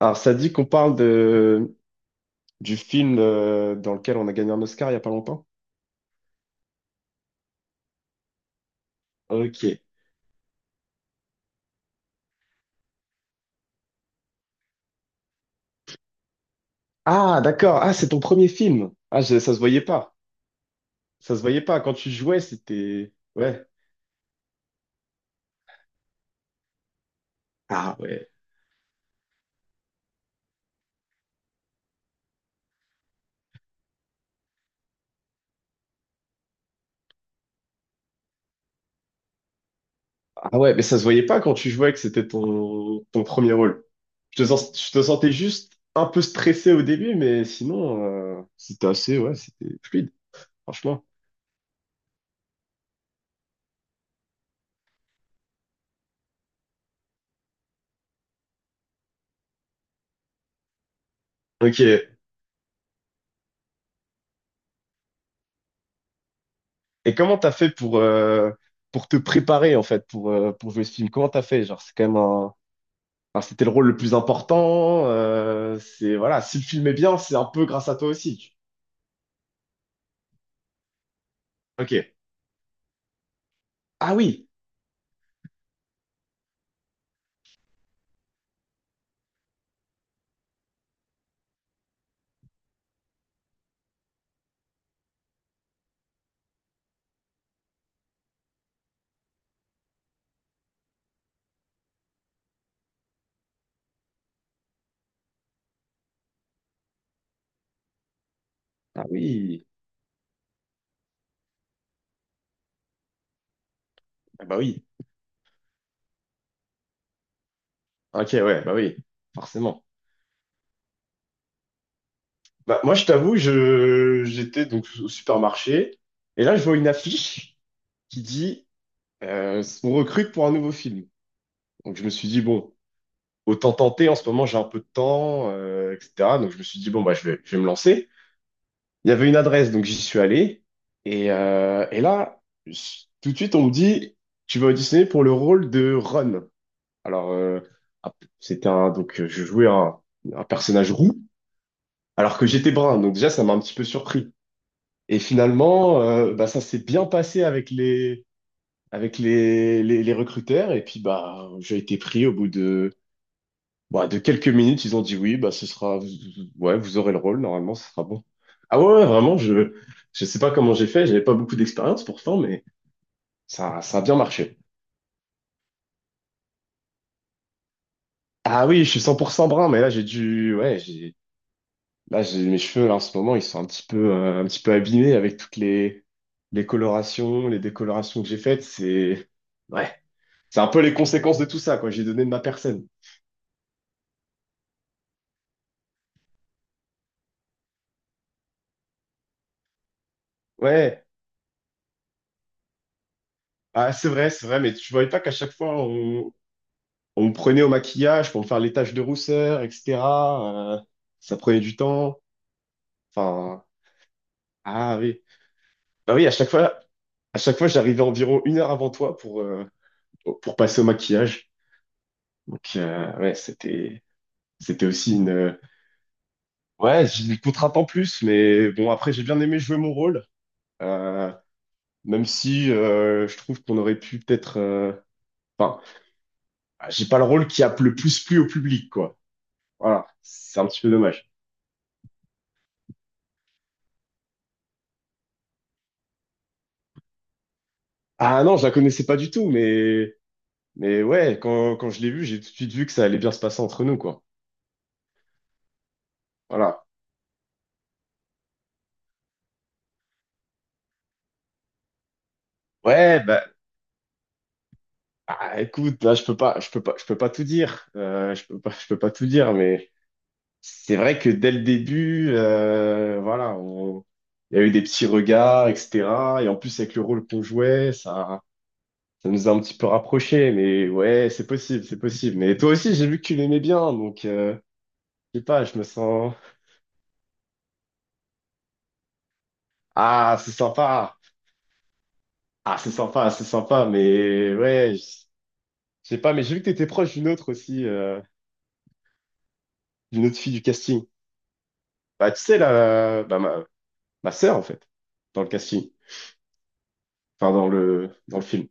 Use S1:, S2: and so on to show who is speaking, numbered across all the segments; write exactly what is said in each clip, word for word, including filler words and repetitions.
S1: Alors, ça dit qu'on parle de, du film euh, dans lequel on a gagné un Oscar il n'y a pas longtemps? Ok. Ah, d'accord. Ah, c'est ton premier film. Ah, je- ça se voyait pas. Ça se voyait pas. Quand tu jouais, c'était... Ouais. Ah ouais. Ah ouais, mais ça se voyait pas quand tu jouais que c'était ton, ton premier rôle. Je te, sens- je te sentais juste un peu stressé au début, mais sinon, euh, c'était assez... Ouais, c'était fluide, franchement. Ok. Et comment t'as fait pour, euh, pour te préparer, en fait, pour, euh, pour jouer ce film? Comment t'as fait? Genre, c'est quand même un... Enfin, c'était le rôle le plus important. Euh, c'est voilà, si le film est bien, c'est un peu grâce à toi aussi. Ok. Ah oui, ah oui, ah bah oui. Ok, ouais, bah oui, forcément. Bah, moi, je t'avoue, je j'étais donc au supermarché et là, je vois une affiche qui dit euh, on recrute pour un nouveau film. Donc, je me suis dit bon, autant tenter. En ce moment, j'ai un peu de temps, euh, et cetera. Donc, je me suis dit bon, bah, je vais, je vais me lancer. Il y avait une adresse, donc j'y suis allé. Et, euh, et là, s- tout de suite, on me dit, tu vas auditionner pour le rôle de Ron. Alors, euh, ah, c'était un, donc euh, je jouais un, un personnage roux, alors que j'étais brun. Donc déjà, ça m'a un petit peu surpris. Et finalement, euh, bah, ça s'est bien passé avec les, avec les, les, les recruteurs. Et puis, bah, j'ai été pris au bout de bah, de quelques minutes, ils ont dit oui, bah, ce sera, ouais, vous aurez le rôle, normalement, ce sera bon. Ah ouais, ouais, vraiment, je, je sais pas comment j'ai fait, j'avais pas beaucoup d'expérience pourtant, mais ça, ça a bien marché. Ah oui, je suis cent pour cent brun, mais là, j'ai dû, ouais, j'ai, là, j'ai mes cheveux, là, en ce moment, ils sont un petit peu, euh, un petit peu abîmés avec toutes les, les colorations, les décolorations que j'ai faites, c'est, ouais, c'est un peu les conséquences de tout ça, quoi, j'ai donné de ma personne. Ouais, ah, c'est vrai, c'est vrai, mais tu voyais pas qu'à chaque fois, on, On me prenait au maquillage pour me faire les taches de rousseur, et cetera euh, Ça prenait du temps. Enfin, ah oui. Bah oui, à chaque fois, à chaque fois, j'arrivais environ une heure avant toi pour, euh, pour passer au maquillage. Donc, euh, ouais, c'était, c'était aussi une, ouais, j'ai une contrainte en plus, mais bon, après, j'ai bien aimé jouer mon rôle. Euh, Même si, euh, je trouve qu'on aurait pu peut-être, euh, enfin, j'ai pas le rôle qui a le plus plu au public, quoi. Voilà. C'est un petit peu dommage. Ah non, je la connaissais pas du tout, mais Mais ouais, quand, quand je l'ai vu, j'ai tout de suite vu que ça allait bien se passer entre nous, quoi. Voilà. Ouais, bah, ah, écoute, là, je peux pas, je peux pas, je peux pas tout dire. Euh, je peux pas, je peux pas tout dire, mais c'est vrai que dès le début, euh, voilà, on- il y a eu des petits regards, et cetera. Et en plus, avec le rôle qu'on jouait, ça, ça nous a un petit peu rapprochés. Mais ouais, c'est possible, c'est possible. Mais toi aussi, j'ai vu que tu l'aimais bien, donc euh, je sais pas, je me sens. Ah, c'est sympa. Ah, c'est sympa, c'est sympa, mais ouais. Je sais pas, mais j'ai vu que t'étais proche d'une autre aussi, euh, d'une autre fille du casting. Bah, tu sais, la, bah, ma, ma sœur, en fait, dans le casting. Enfin, dans le, dans le film.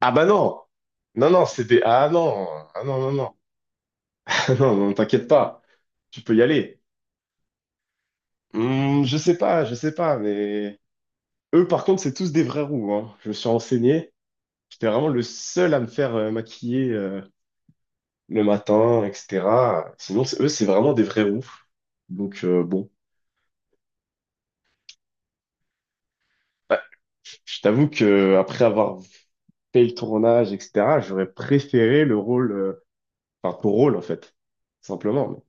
S1: Ah bah non! Non, non, c'était... Ah non! Ah non, non, non. Ah non, non, t'inquiète pas. Tu peux y aller. Hmm, je sais pas, je sais pas, mais... Eux, par contre, c'est tous des vrais roux, hein. Je me suis renseigné. J'étais vraiment le seul à me faire euh, maquiller euh, le matin, et cetera. Sinon, c'est- eux, c'est vraiment des vrais roux. Donc, euh, bon. Bah, je t'avoue que après avoir fait le tournage, et cetera, j'aurais préféré le rôle, euh, enfin ton rôle en fait, simplement.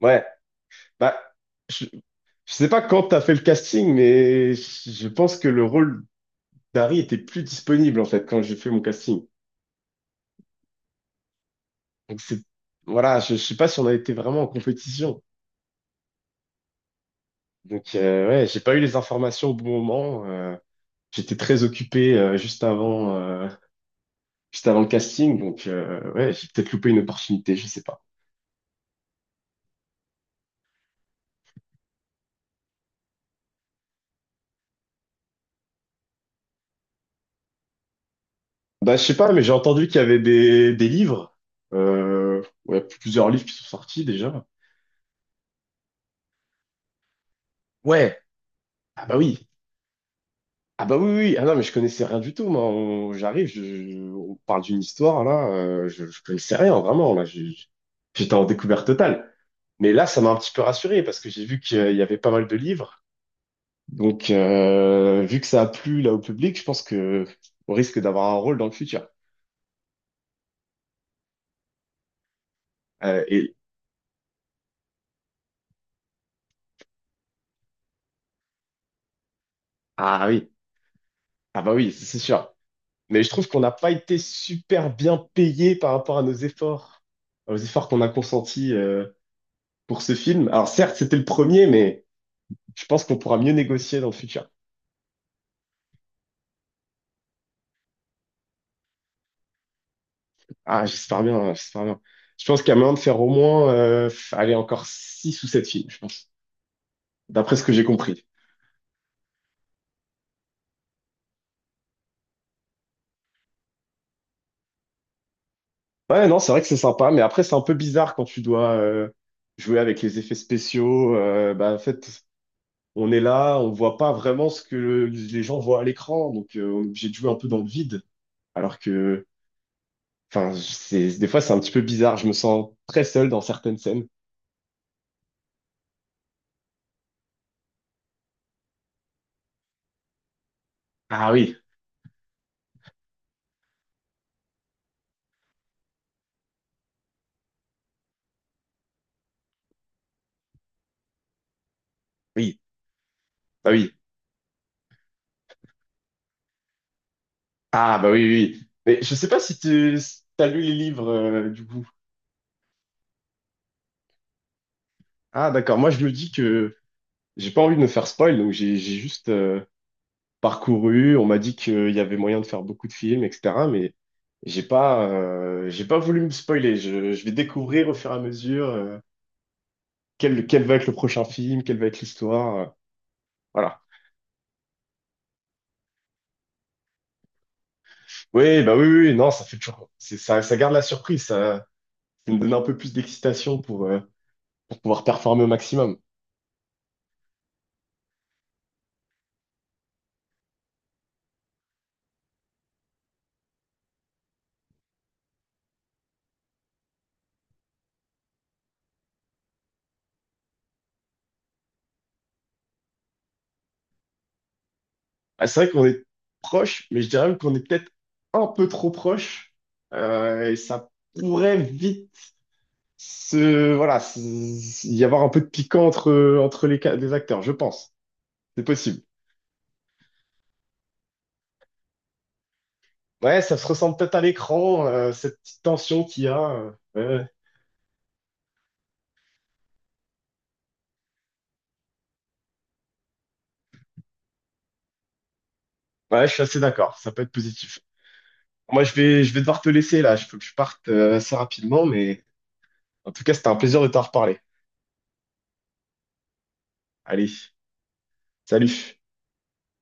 S1: Ouais, bah, je, je sais pas quand t'as fait le casting, mais je je pense que le rôle d'Harry était plus disponible en fait quand j'ai fait mon casting. Donc c'est, voilà, je, je sais pas si on a été vraiment en compétition. Donc euh, ouais, j'ai pas eu les informations au bon moment. Euh, j'étais très occupé euh, juste avant, euh, juste avant le casting, donc euh, ouais, j'ai peut-être loupé une opportunité, je sais pas. Bah, je sais pas, mais j'ai entendu qu'il y avait des, des livres. Euh, ouais, plusieurs livres qui sont sortis déjà. Ouais. Ah bah oui. Ah bah oui, oui, oui. Ah non, mais je connaissais rien du tout, moi. On- J'arrive, je- je- on parle d'une histoire, là. euh, je, je connaissais rien, vraiment. Là, J'ai- j'étais en découverte totale. Mais là, ça m'a un petit peu rassuré parce que j'ai vu qu'il y avait pas mal de livres. Donc, euh, vu que ça a plu là au public, je pense que on risque d'avoir un rôle dans le futur. Euh, et... Ah oui. Ah bah oui, c'est c'est sûr. Mais je trouve qu'on n'a pas été super bien payé par rapport à nos efforts. Enfin, aux efforts qu'on a consentis euh, pour ce film. Alors certes, c'était le premier, mais je pense qu'on pourra mieux négocier dans le futur. Ah, j'espère bien, hein, j'espère bien. Je pense qu'il y a moyen de faire au moins, euh, allez, encore six ou sept films, je pense, d'après ce que j'ai compris. Ouais, non, c'est vrai que c'est sympa, mais après, c'est un peu bizarre quand tu dois euh, jouer avec les effets spéciaux. Euh, bah, en fait, on est là, on voit pas vraiment ce que le- les gens voient à l'écran, donc euh, on est obligé de jouer un peu dans le vide. Alors que Enfin, c'est, des fois, c'est un petit peu bizarre. Je me sens très seul dans certaines scènes. Ah oui, oui, bah oui. Ah bah oui, oui. Mais je sais pas si tu as lu les livres, euh, du coup. Ah d'accord, moi je me dis que j'ai pas envie de me faire spoil, donc j'ai j'ai juste euh, parcouru. On m'a dit qu'il y avait moyen de faire beaucoup de films, et cetera. Mais j'ai pas, euh, j'ai pas voulu me spoiler. Je, je vais découvrir au fur et à mesure euh, quel, quel va être le prochain film, quelle va être l'histoire. Euh, voilà. Oui, bah oui, oui, oui, non, ça fait toujours. c'est- Ça, ça garde la surprise. Ça, Ça me donne un peu plus d'excitation pour, euh, pour pouvoir performer au maximum. Ah, c'est vrai qu'on est proche, mais je dirais même qu'on est peut-être un peu trop proche. Euh, et ça pourrait vite se, voilà, se- y avoir un peu de piquant entre, entre les, ca- les acteurs, je pense. C'est possible. Ouais, ça se ressent peut-être à l'écran, euh, cette petite tension qu'il y a. Euh, ouais, ouais. Ouais, je suis assez d'accord, ça peut être positif. Moi, je vais, je vais devoir te laisser là, je faut que je parte euh, assez rapidement, mais en tout cas, c'était un plaisir de t'en reparler. Allez, salut.